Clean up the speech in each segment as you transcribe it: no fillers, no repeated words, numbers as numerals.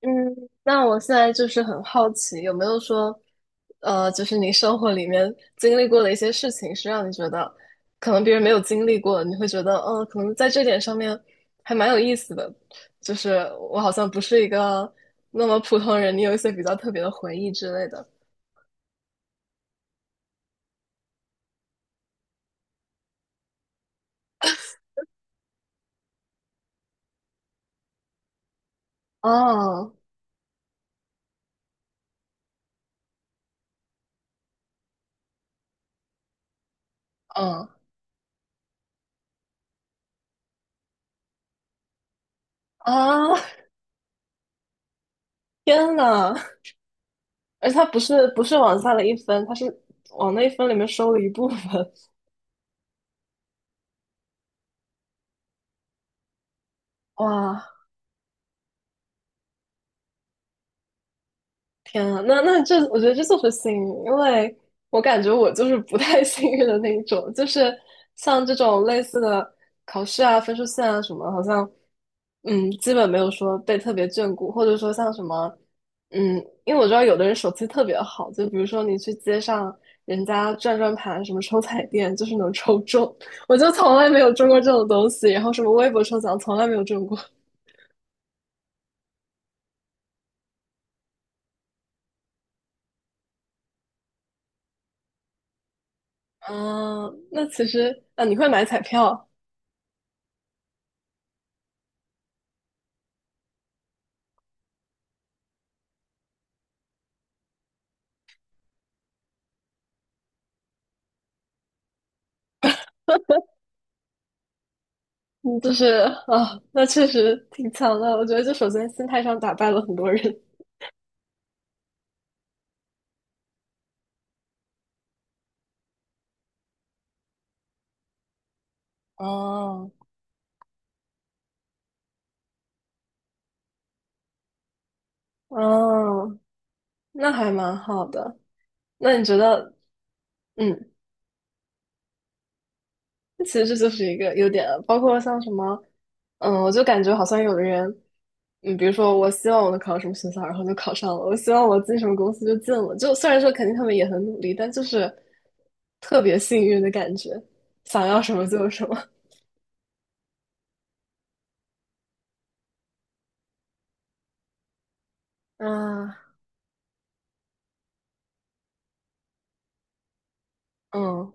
嗯，那我现在就是很好奇，有没有说，就是你生活里面经历过的一些事情，是让你觉得可能别人没有经历过，你会觉得，可能在这点上面还蛮有意思的，就是我好像不是一个那么普通人，你有一些比较特别的回忆之类的。哦，嗯啊，天呐，而且它不是往下了一分，它是往那一分里面收了一部分。哇，天啊，那这，我觉得这就是幸运，因为我感觉我就是不太 幸运的那一种，就是像这种类似的考试啊、分数线啊什么，好像，基本没有说被特别眷顾，或者说像什么嗯，因为我知道有的人手气特别好，就比如说你去街上人家转转盘，什么抽彩电，就是能抽中，我就从来没有中过这种东西，然后什么微博抽奖从来没有中过。嗯，那其实啊，你会买彩票。嗯，就是啊，那确实挺强的。我觉得，就首先心态上打败了很多人。哦，哦，那还蛮好的。那你觉得，嗯，其实这就是一个优点了，包括像什么，我就感觉好像有的人。比如说我希望我能考上什么学校，然后就考上了；我希望我进什么公司就进了。就虽然说肯定他们也很努力，但就是特别幸运的感觉，想要什么就有什么。啊，嗯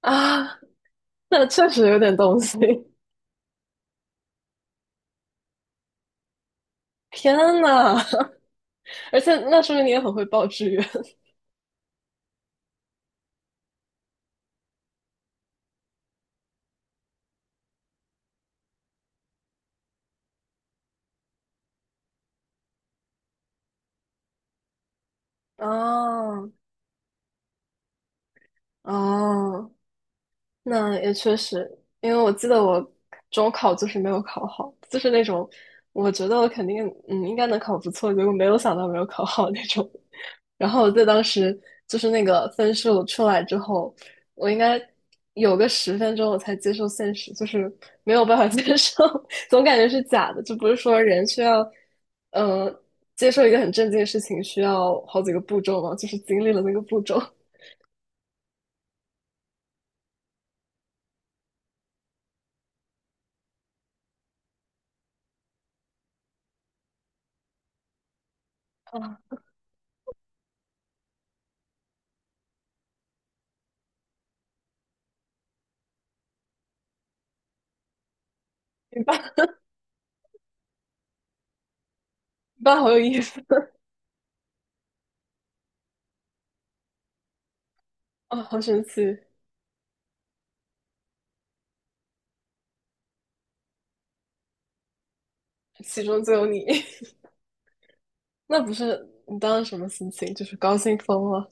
啊，那确实有点东西。天呐，而且那说明你也很会报志愿。哦哦，那也确实，因为我记得我中考就是没有考好，就是那种我觉得我肯定应该能考不错，结果没有想到没有考好那种。然后我在当时就是那个分数出来之后，我应该有个十分钟我才接受现实，就是没有办法 接受，总感觉是假的，就不是说人需要嗯、呃接受一个很正经的事情需要好几个步骤嘛，就是经历了那个步骤啊。明白，明白，好有意思啊，好神奇。其中就有你，那不是你当时什么心情？就是高兴疯了。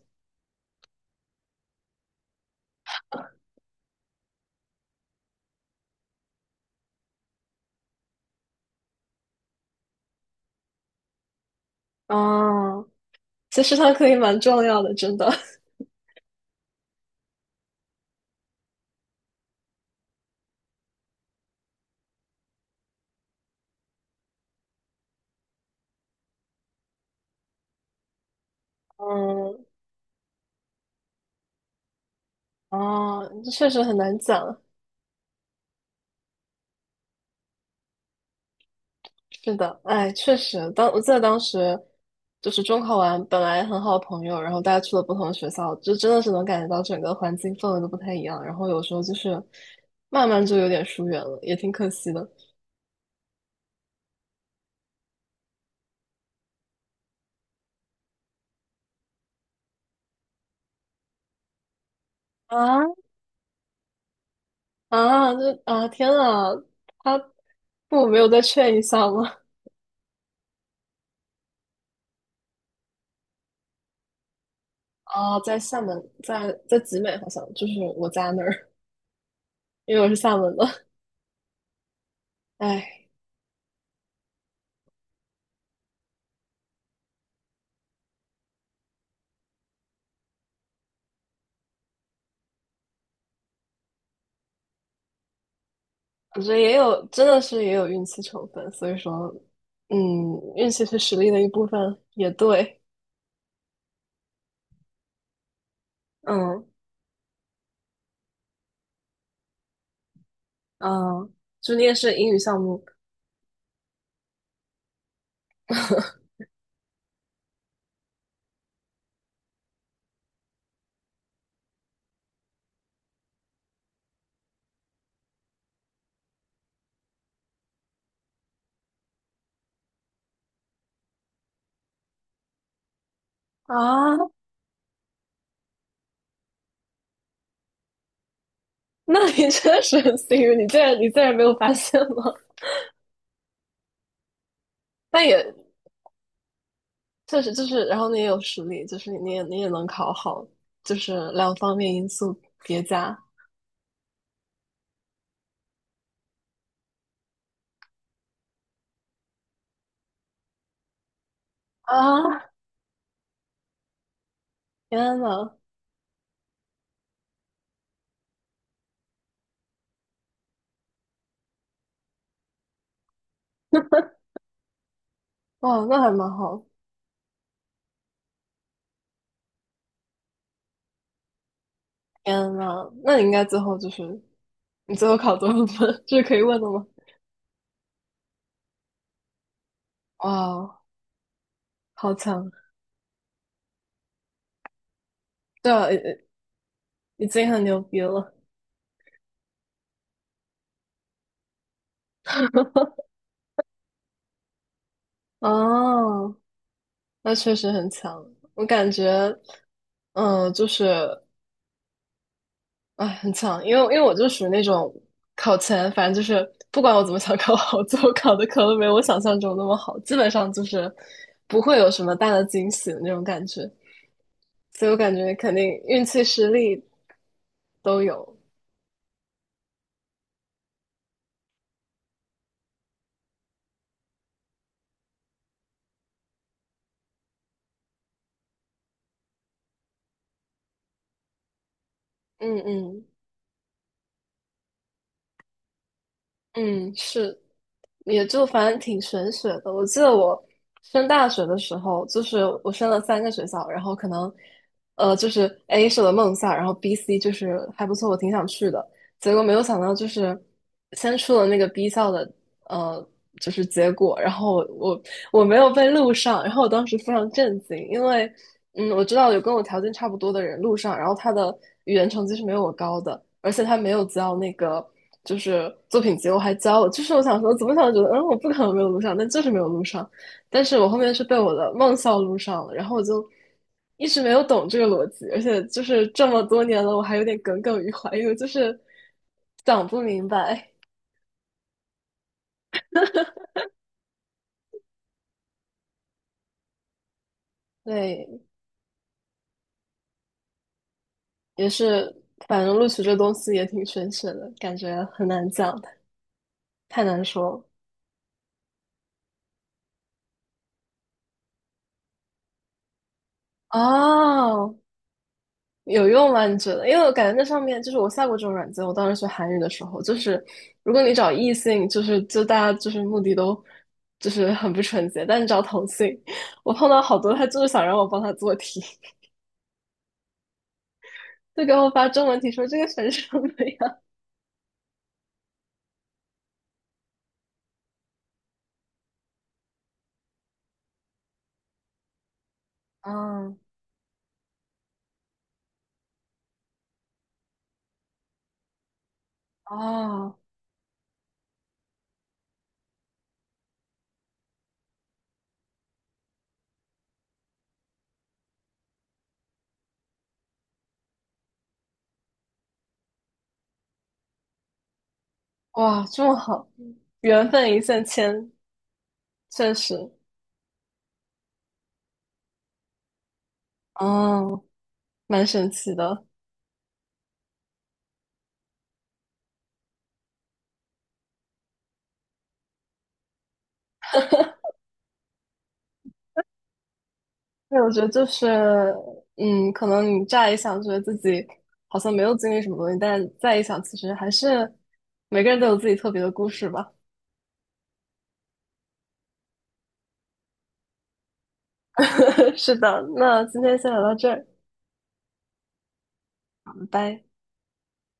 啊！其实他可以蛮重要的，真的。嗯，哦啊，这确实很难讲。是的，哎，确实，当我记得当时就是中考完，本来很好的朋友，然后大家去了不同的学校，就真的是能感觉到整个环境氛围都不太一样。然后有时候就是慢慢就有点疏远了，也挺可惜的。啊啊，这啊，天啊，他父母没有再劝一下吗？哦，在厦门，在集美好像就是我家那儿，因为我是厦门的。哎，我觉得也有，真的是也有运气成分，所以说，嗯，运气是实力的一部分，也对。嗯嗯，就你也是英语项目。 啊？那你确实很幸运，你竟然没有发现吗？但也确实就是，然后你也有实力，就是你也能考好，就是两方面因素叠加。啊！天呐！哇，那还蛮好。天呐，那你应该最后就是你最后考多少分？这是可以问的吗？哇，好强！对啊，已经很牛逼了。哦，那确实很强。我感觉，嗯，就是哎，很强。因为我就属于那种考前，反正就是不管我怎么想考好，最后考的可能没有我想象中那么好，基本上就是不会有什么大的惊喜的那种感觉。所以我感觉肯定运气、实力都有。嗯嗯嗯，是，也就反正挺玄学的。我记得我升大学的时候，就是我升了三个学校，然后可能，就是 A 是我的梦校，然后 B、C 就是还不错，我挺想去的。结果没有想到，就是先出了那个 B 校的呃，就是结果，然后我没有被录上，然后我当时非常震惊，因为我知道有跟我条件差不多的人录上，然后他的语言成绩是没有我高的，而且他没有交那个就是作品集，我还交了，就是我想说怎么想觉得我不可能没有录上，但就是没有录上，但是我后面是被我的梦校录上了，然后我就一直没有懂这个逻辑，而且就是这么多年了，我还有点耿耿于怀，因为就是想不明白。对，也是，反正录取这东西也挺玄学的，感觉很难讲，太难说了。哦，有用吗？你觉得？因为我感觉那上面就是我下过这种软件，我当时学韩语的时候，就是如果你找异性，就是就大家就是目的都就是很不纯洁，但你找同性，我碰到好多他就是想让我帮他做题，就给我发中文题说这个选什么呀？啊啊，哇，这么好，缘分一线牵，确实，哦。蛮神奇的。对，我觉得就是，可能你乍一想觉得自己好像没有经历什么东西，但再一想，其实还是每个人都有自己特别的故事吧。是的，那今天先聊到这儿，拜拜。